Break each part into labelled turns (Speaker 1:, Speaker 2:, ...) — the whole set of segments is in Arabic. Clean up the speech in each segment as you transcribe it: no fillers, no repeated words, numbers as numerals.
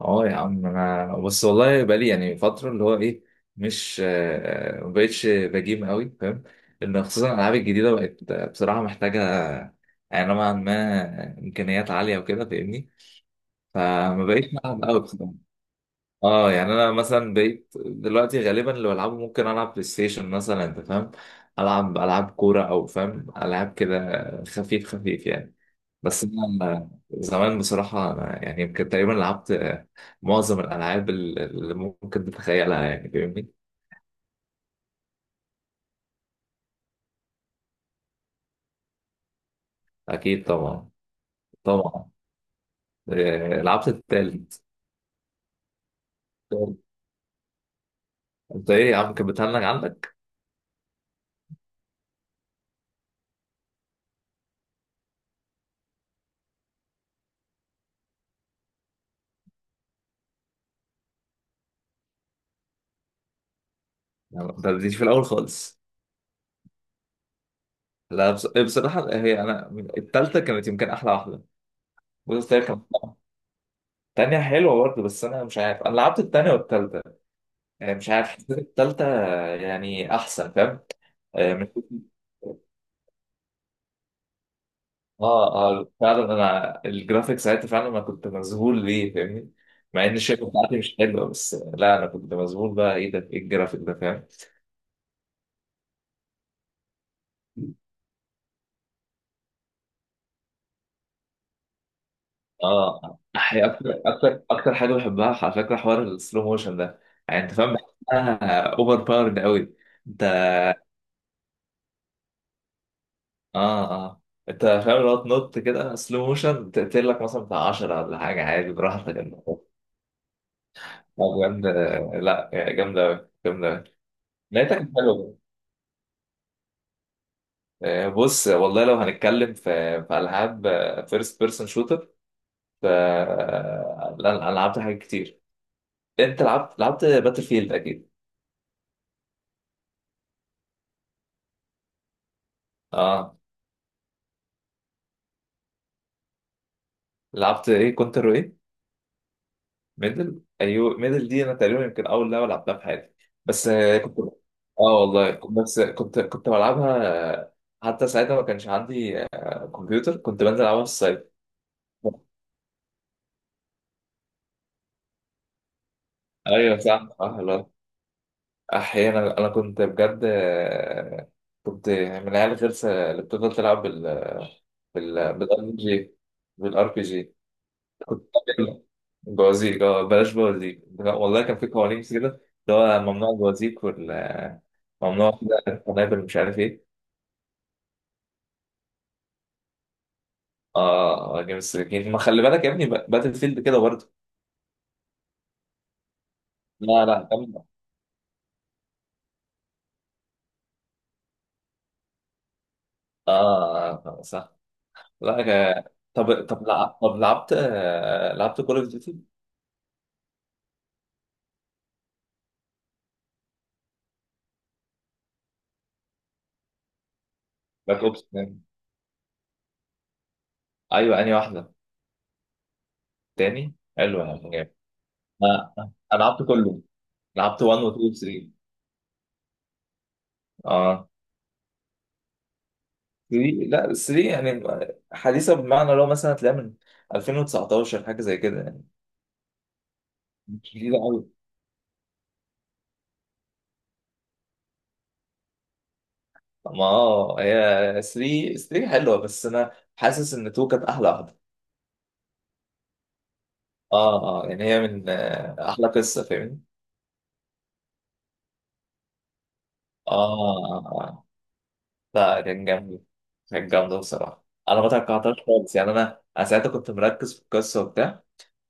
Speaker 1: اه يا عم، انا بس والله بقالي يعني فتره اللي هو ايه. مش ما بقتش بجيم قوي، فاهم؟ لان خصوصا الالعاب الجديده بقت بصراحه محتاجه، يعني نوعا ما امكانيات عاليه وكده، فاهمني؟ فما بقيتش بلعب قوي بصراحه. اه يعني انا مثلا بقيت دلوقتي غالبا اللي بلعبه ممكن العب بلاي ستيشن مثلا، انت فاهم. العب العاب كوره او فاهم، العاب كده خفيف خفيف يعني. بس انا زمان بصراحه، أنا يعني يمكن تقريبا لعبت معظم الالعاب اللي ممكن تتخيلها يعني، فاهمني؟ اكيد طبعا. طبعا. لعبت التالت. انت ايه يا عم، كانت بتهنج عندك؟ يعني ما بتديش في الاول خالص. لا، إيه، بصراحه هي انا التالته كانت يمكن احلى واحده. بص هي كانت، التانية حلوة برضه، بس أنا مش عارف، أنا لعبت التانية والتالتة. مش عارف، حسيت التالتة يعني أحسن، فاهم؟ آه، اه اه فعلا، انا الجرافيك ساعتها فعلا انا كنت مذهول ليه، فاهمني؟ مع ان الشركه بتاعتي مش حلوه، بس لا انا كنت مذهول بقى، ايه ده، ايه الجرافيك ده، فاهم؟ اه اكتر حاجه بحبها على فكره حوار السلو موشن ده. يعني انت فاهم، بحسها اوفر باورد قوي، انت. اه اه، انت فاهم، لو تنط كده سلو موشن تقتل لك مثلا بتاع 10 ولا حاجه، عادي براحتك انت. طب جامده. لا يعني جامده أوي، جامده أوي. لقيتك حلوه. بص والله، لو هنتكلم في العاب فيرست بيرسون شوتر، ف آه، لا انا لعبت حاجات كتير. انت لعبت، باتل فيلد اكيد. اه. لعبت ايه؟ كونتر وايه؟ ميدل، ايوه. ميدل دي انا تقريبا يمكن اول لعبه لعبتها في حياتي. بس كنت، اه والله بس كنت بلعبها. آه، حتى ساعتها ما كانش عندي كمبيوتر، كنت بنزل العبها في السايبر. ايوه صح. اه لا، احيانا انا كنت بجد كنت من العيال الغلسه اللي بتفضل تلعب بالار بي جي، بالار بي جي. كنت بتعمل بوازيك، اه. بلاش بوازيك، لا، والله كان في قوانين كده، اللي هو ممنوع البوازيك وممنوع كده، القنابل مش عارف ايه. اه جيم السكين، ما خلي بالك يا ابني، باتل فيلد كده برضه. لا لا جامدة. اه صح. لا طب لعبت لعبت كول اوف ديوتي. باك اوبس، ايوه. انهي واحده؟ تاني حلو يا عم، جامد. ما- انا لعبت كله، لعبت 1 و 2 و 3. اه 3، لا 3 يعني حديثه، بمعنى لو مثلا تلاقيها من 2019 حاجه زي كده يعني. مش جديده قوي. ما اه، هي 3، حلوه، بس انا حاسس ان 2 كانت احلى واحده. اه اه، يعني هي من احلى قصه، فاهمني؟ اه اه. آه. لا كان جامد. كان جامد بصراحه، انا ما توقعتهاش خالص يعني، انا ساعتها كنت مركز في القصه وبتاع.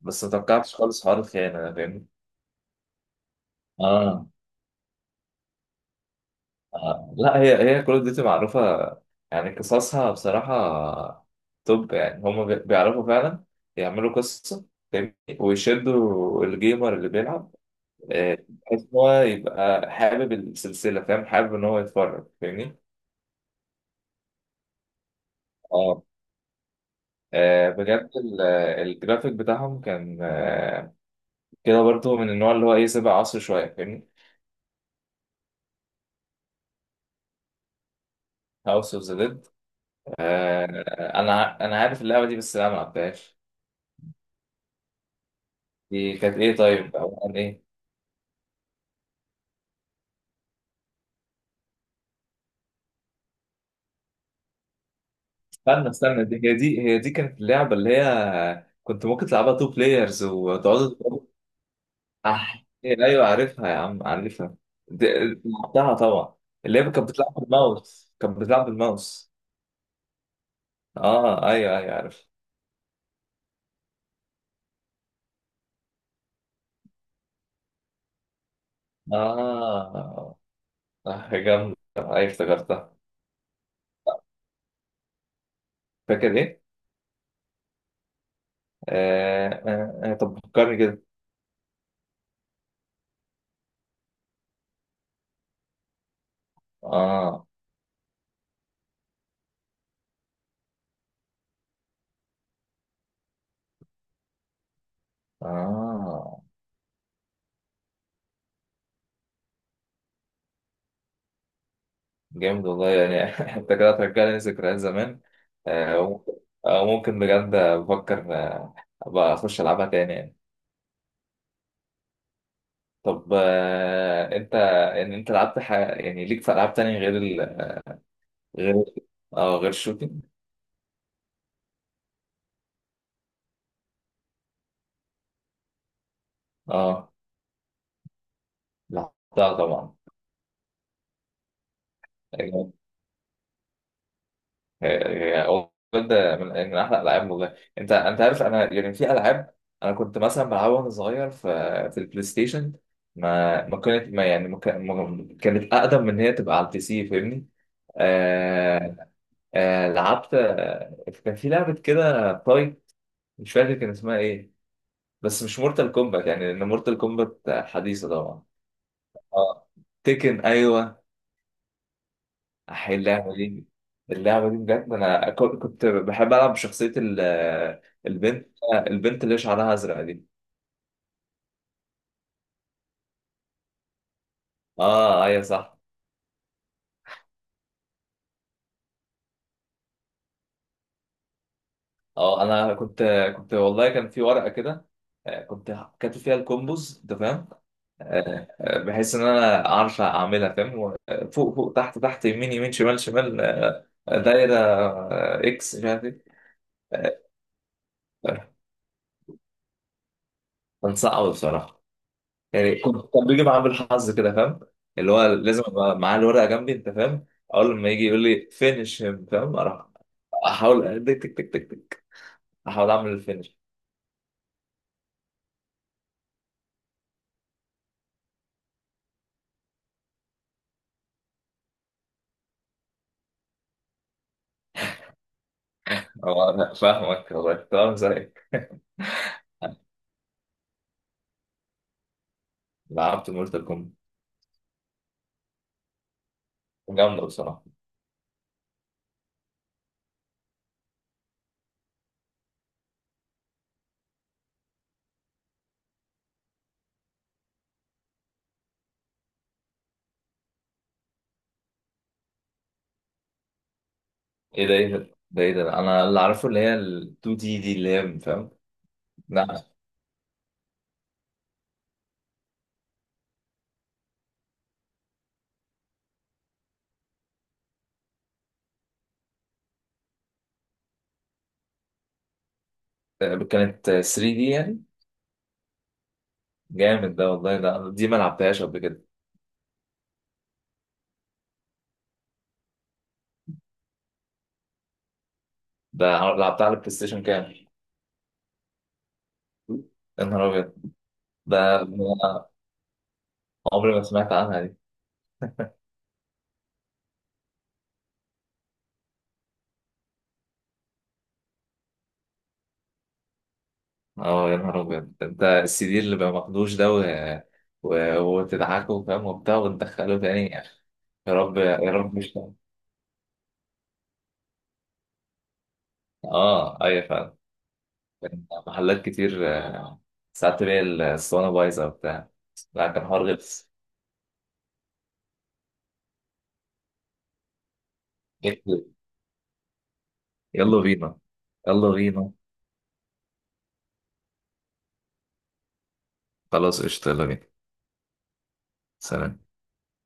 Speaker 1: بس ما توقعتش خالص حوار الخيانه ده، فاهمني؟ آه. آه. لا هي، كول اوف ديوتي معروفة يعني، قصصها بصراحة توب يعني. هما بيعرفوا فعلا يعملوا قصة، فاهمني؟ ويشدوا الجيمر اللي بيلعب، بحيث إن هو يبقى حابب السلسلة، فاهم، حابب إن هو يتفرج، فاهمني؟ اه بجد الجرافيك بتاعهم كان كده برضو، من النوع اللي هو ايه، سابق عصر شويه، فاهمني؟ هاوس اوف ذا ديد. انا انا عارف اللعبه دي، بس انا ما لعبتهاش. دي كانت ايه طيب؟ او عن ايه؟ استنى استنى، دي كانت اللعبة اللي هي كنت ممكن تلعبها تو بلايرز، وتقعدوا تضربوا- أح إيه، أيوه عارفها يا عم، عارفها. دي- لعبتها طبعا. اللي هي كانت بتلعب بالماوس، اه ايوه ايوه عارف. اه جامدة، ايوه افتكرتها. فاكر ايه؟ طب فكرني كده. اه اه. جامد والله يعني انت كده هترجعني ذكريات زمان. وممكن، ممكن بجد بفكر ابقى اخش العبها تاني يعني. طب انت، انت لعبت يعني ليك في العاب تانية غير غير، اه غير الشوتينج. اه لعبتها طبعا. هي- والله ده من احلى الالعاب والله. انت انت عارف، انا يعني في العاب انا كنت مثلا بلعبها وانا صغير في البلاي ستيشن. ما ما كانت ما يعني ما كان- ما- كانت اقدم من ان هي تبقى على البي سي، فاهمني؟ آه. آه لعبت، كان في لعبه كده طاي، مش فاكر كان اسمها ايه، بس مش مورتال كومبات يعني، لان مورتال كومبات حديثه طبعا. اه. تيكن، ايوه. أحيي اللعبة دي. اللعبة دي بجد، أنا كنت بحب ألعب بشخصية البنت، اللي شعرها أزرق دي. آه أيوة صح. أه أنا كنت، كنت والله كان في ورقة كده، كنت كاتب فيها الكومبوز، أنت فاهم. بحيث إن أنا أعرف أعملها فاهم، فوق فوق تحت تحت يمين يمين شمال شمال، دايرة، إكس، مش عارف إيه. آه، كان صعب بصراحة. يعني كان بيجي معاه بالحظ كده، فاهم؟ اللي هو لازم ابقى معاه الورقه جنبي، انت فاهم. اول ما يجي يقول لي فينش هيم، فاهم، اروح احاول تك تك تك تك تك، احاول اعمل الفينش. هو أنا فاهمك والله، تمام زيك. لعبت مورتال كومبات. جامده بصراحه. ايه ايه ده، ده ايه ده، انا اللي عارفه، اللي هي ال 2 دي اللي هي، فاهم. لا، كانت 3 دي يعني. جامد ده والله، دي ما لعبتهاش قبل كده. ده لعبتها على البلاي ستيشن كام؟ يا نهار ابيض. ده ده عمري ما سمعت عنها. اه يا نهار ابيض، ده انت السي دي اللي ما ماخدوش ده، وتضحكوا فاهم وبتاع، وتدخلوا تاني، يا أخي. يا رب يا رب، مش ده. اه ايوه فعلا. كان محلات كتير، ساعات تلاقي الاسطوانه بايظه وبتاع. لا كان حوار غلس. يلا بينا. يلا بينا خلاص قشطة، يلا بينا. سلام.